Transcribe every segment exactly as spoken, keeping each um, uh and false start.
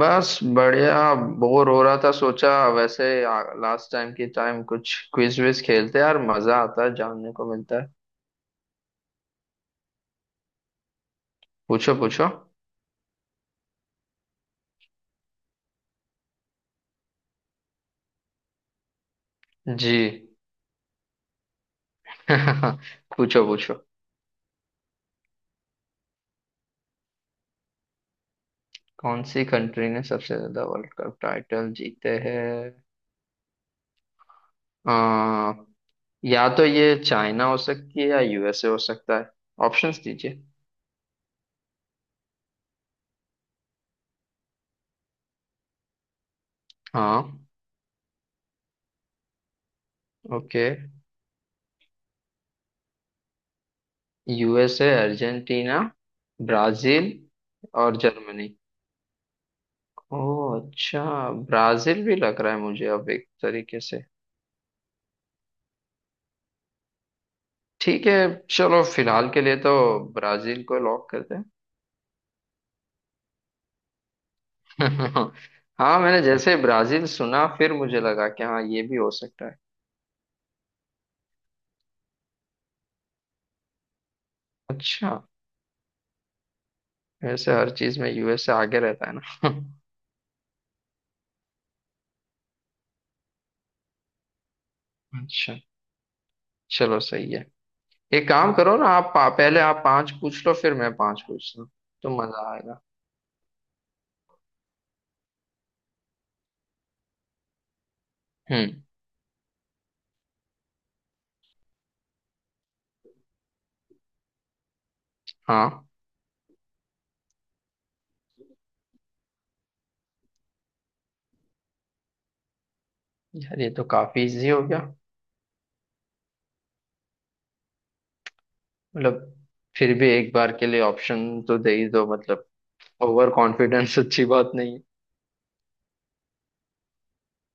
बस बढ़िया। बोर हो रहा था, सोचा वैसे लास्ट टाइम की टाइम कुछ क्विज विज खेलते हैं, यार मजा आता है, जानने को मिलता है। पूछो पूछो। जी। पूछो पूछो। कौन सी कंट्री ने सबसे ज्यादा वर्ल्ड कप टाइटल जीते हैं? आ, या तो ये चाइना हो सकती है या यूएसए हो सकता है। ऑप्शंस दीजिए। हाँ। ओके। यूएसए, अर्जेंटीना, ब्राजील और जर्मनी। ओह अच्छा। ब्राजील भी लग रहा है मुझे अब एक तरीके से। ठीक है, चलो फिलहाल के लिए तो ब्राजील को लॉक करते हैं। हाँ मैंने जैसे ब्राजील सुना फिर मुझे लगा कि हाँ ये भी हो सकता है। अच्छा। वैसे हर चीज में यूएसए आगे रहता है ना। अच्छा। चलो सही है। एक काम करो ना आप पा, पहले आप पांच पूछ लो फिर मैं पांच पूछता हूँ, तो मजा आएगा। हम्म। हाँ यार ये तो काफी इजी हो गया। मतलब फिर भी एक बार के लिए ऑप्शन तो दे ही दो मतलब। ओवर कॉन्फिडेंस अच्छी बात नहीं है।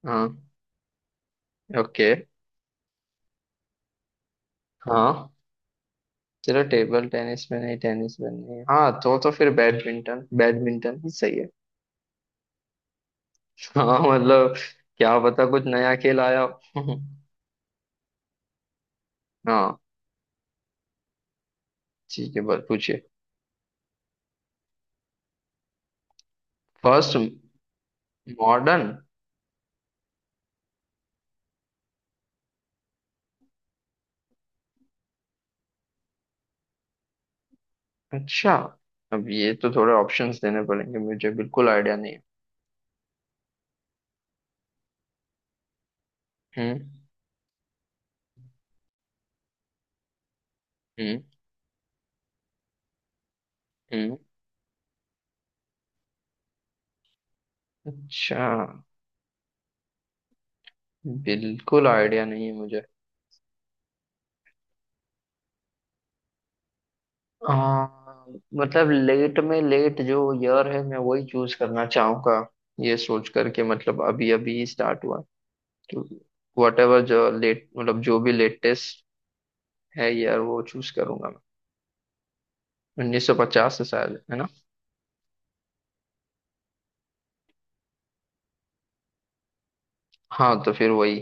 हाँ। ओके। हाँ चलो टेबल टेनिस में नहीं, टेनिस में नहीं, हाँ तो तो फिर बैडमिंटन बैडमिंटन ही सही है। हाँ मतलब क्या पता कुछ नया खेल आया हो। हाँ ठीक है बस पूछिए। First modern. अच्छा अब ये तो थोड़े ऑप्शंस देने पड़ेंगे, मुझे बिल्कुल आइडिया नहीं है। हम्म। हम्म। हम्म। अच्छा। बिल्कुल आइडिया नहीं है मुझे। हाँ मतलब लेट में लेट जो ईयर है मैं वही चूज करना चाहूंगा, ये सोच करके, मतलब अभी अभी स्टार्ट हुआ, तो वट एवर जो लेट मतलब जो भी लेटेस्ट है ईयर वो चूज करूंगा। मैं उन्नीस सौ पचास से शायद है ना। हाँ तो फिर वही।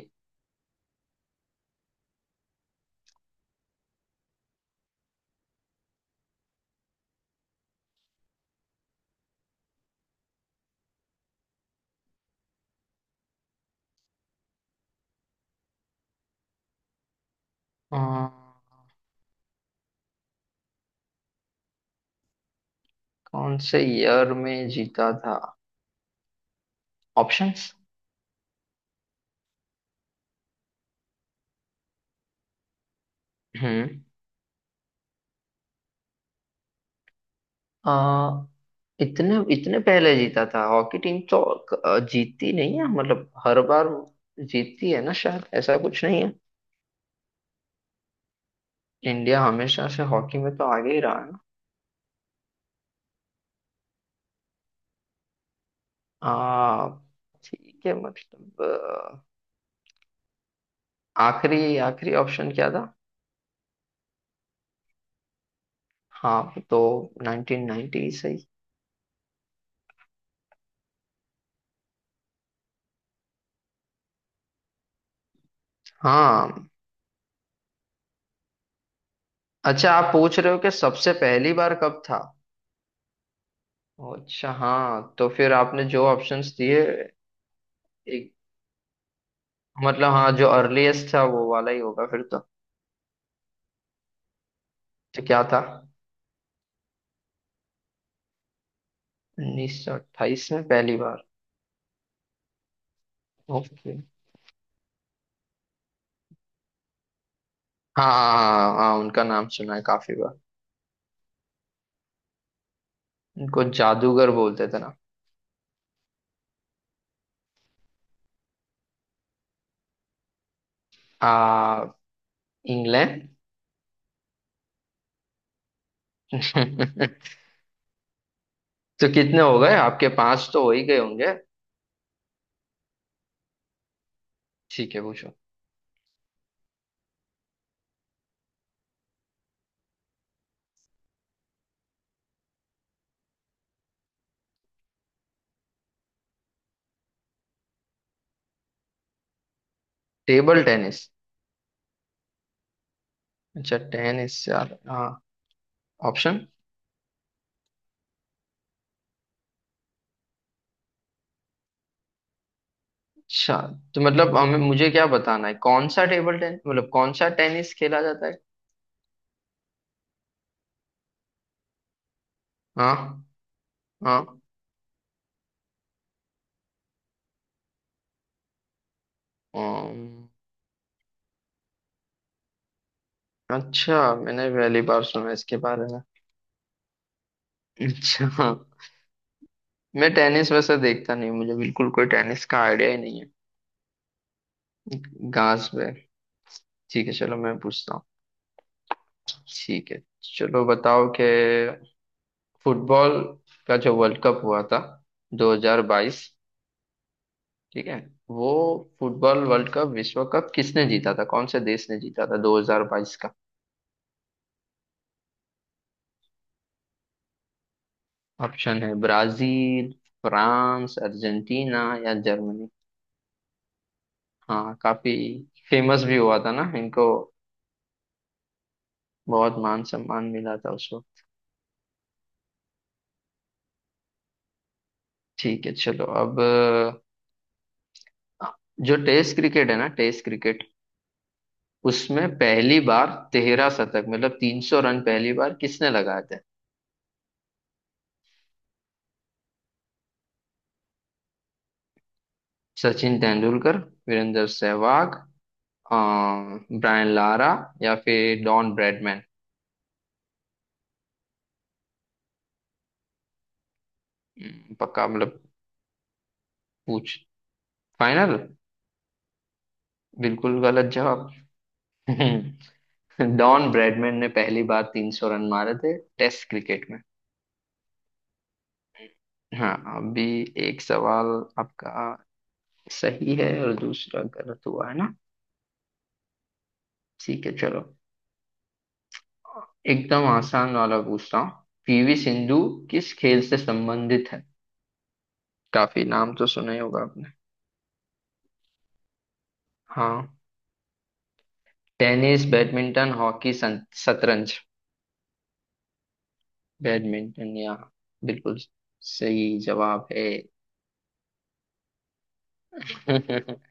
अ, कौन से ईयर में जीता था? ऑप्शंस। हम्म। अ, इतने इतने पहले जीता था हॉकी टीम तो? अ, जीती नहीं है मतलब हर बार जीतती है ना शायद, ऐसा कुछ नहीं? इंडिया हमेशा से हॉकी में तो आगे ही रहा है ना। आ, ठीक है, मतलब अ, आखिरी, आखिरी ऑप्शन क्या था? हाँ वो तो नाइनटीन नाइन्टी सही। हाँ। अच्छा आप पूछ रहे हो कि सबसे पहली बार कब था? अच्छा हाँ तो फिर आपने जो ऑप्शंस दिए, एक मतलब हाँ जो अर्लीस्ट था वो वाला ही होगा फिर तो। तो क्या था? उन्नीस सौ अट्ठाईस में पहली बार? ओके। हाँ हाँ हाँ हाँ, उनका नाम सुना है काफी बार। उनको जादूगर बोलते थे ना। आ इंग्लैंड। तो कितने हो गए आपके, पांच तो हो ही गए होंगे। ठीक है पूछो। Table tennis? अच्छा टेनिस, यार हाँ। ऑप्शन। अच्छा तो मतलब हमें, मुझे क्या बताना है, कौन सा टेबल टेनिस, मतलब कौन सा टेनिस खेला जाता है? हाँ। हाँ। अम्म, अच्छा मैंने पहली बार सुना इसके बारे में। अच्छा। मैं टेनिस वैसे देखता नहीं हूँ, मुझे बिल्कुल कोई टेनिस का आइडिया ही नहीं है, घास पे। ठीक है चलो मैं पूछता हूँ। ठीक है, चलो बताओ कि फुटबॉल का जो वर्ल्ड कप हुआ था दो हज़ार बाईस। ठीक है वो फुटबॉल वर्ल्ड कप, विश्व कप, किसने जीता था, कौन से देश ने जीता था दो हज़ार बाईस का? ऑप्शन है ब्राजील, फ्रांस, अर्जेंटीना या जर्मनी। हाँ काफी फेमस भी हुआ था ना इनको, बहुत मान सम्मान मिला था उस वक्त। ठीक है चलो अब अ, जो टेस्ट क्रिकेट है ना, टेस्ट क्रिकेट, उसमें पहली बार तेरह शतक मतलब तीन सौ रन पहली बार किसने लगाए थे? सचिन तेंदुलकर, वीरेंद्र सहवाग, ब्रायन लारा या फिर डॉन ब्रैडमैन। हम्म, पक्का मतलब? पूछ। फाइनल? बिल्कुल गलत जवाब। डॉन ब्रैडमैन ने पहली बार तीन सौ रन मारे थे टेस्ट क्रिकेट में। हाँ अभी एक सवाल आपका सही है और दूसरा गलत हुआ है ना। ठीक है चलो एकदम आसान वाला पूछता हूँ। पीवी सिंधु किस खेल से संबंधित है, काफी नाम तो सुना ही होगा आपने। हाँ। टेनिस, बैडमिंटन, हॉकी, सं- शतरंज। बैडमिंटन? या बिल्कुल सही जवाब है।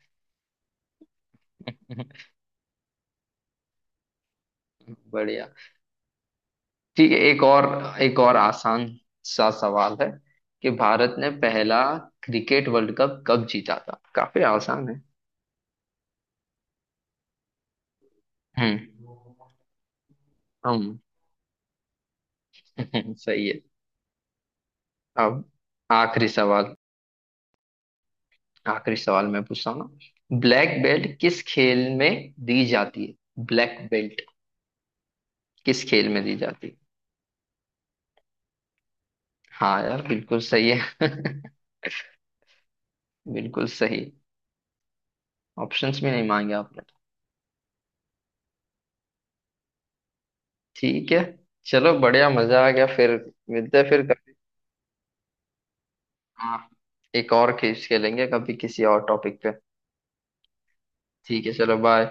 बढ़िया। ठीक है एक और, एक और आसान सा सवाल है कि भारत ने पहला क्रिकेट वर्ल्ड कप कब जीता था, काफी आसान है। हम्म। हम। सही है। अब आखिरी सवाल, आखिरी सवाल मैं पूछता हूँ ना, ब्लैक बेल्ट किस खेल में दी जाती है, ब्लैक बेल्ट किस खेल में दी जाती है? हाँ यार बिल्कुल सही है। बिल्कुल सही। ऑप्शंस भी नहीं मांगे आपने तो। ठीक है। चलो बढ़िया मजा आ गया फिर। मिलते हैं फिर कभी। हाँ एक और खेल खेलेंगे कभी किसी और टॉपिक पे। ठीक है चलो बाय।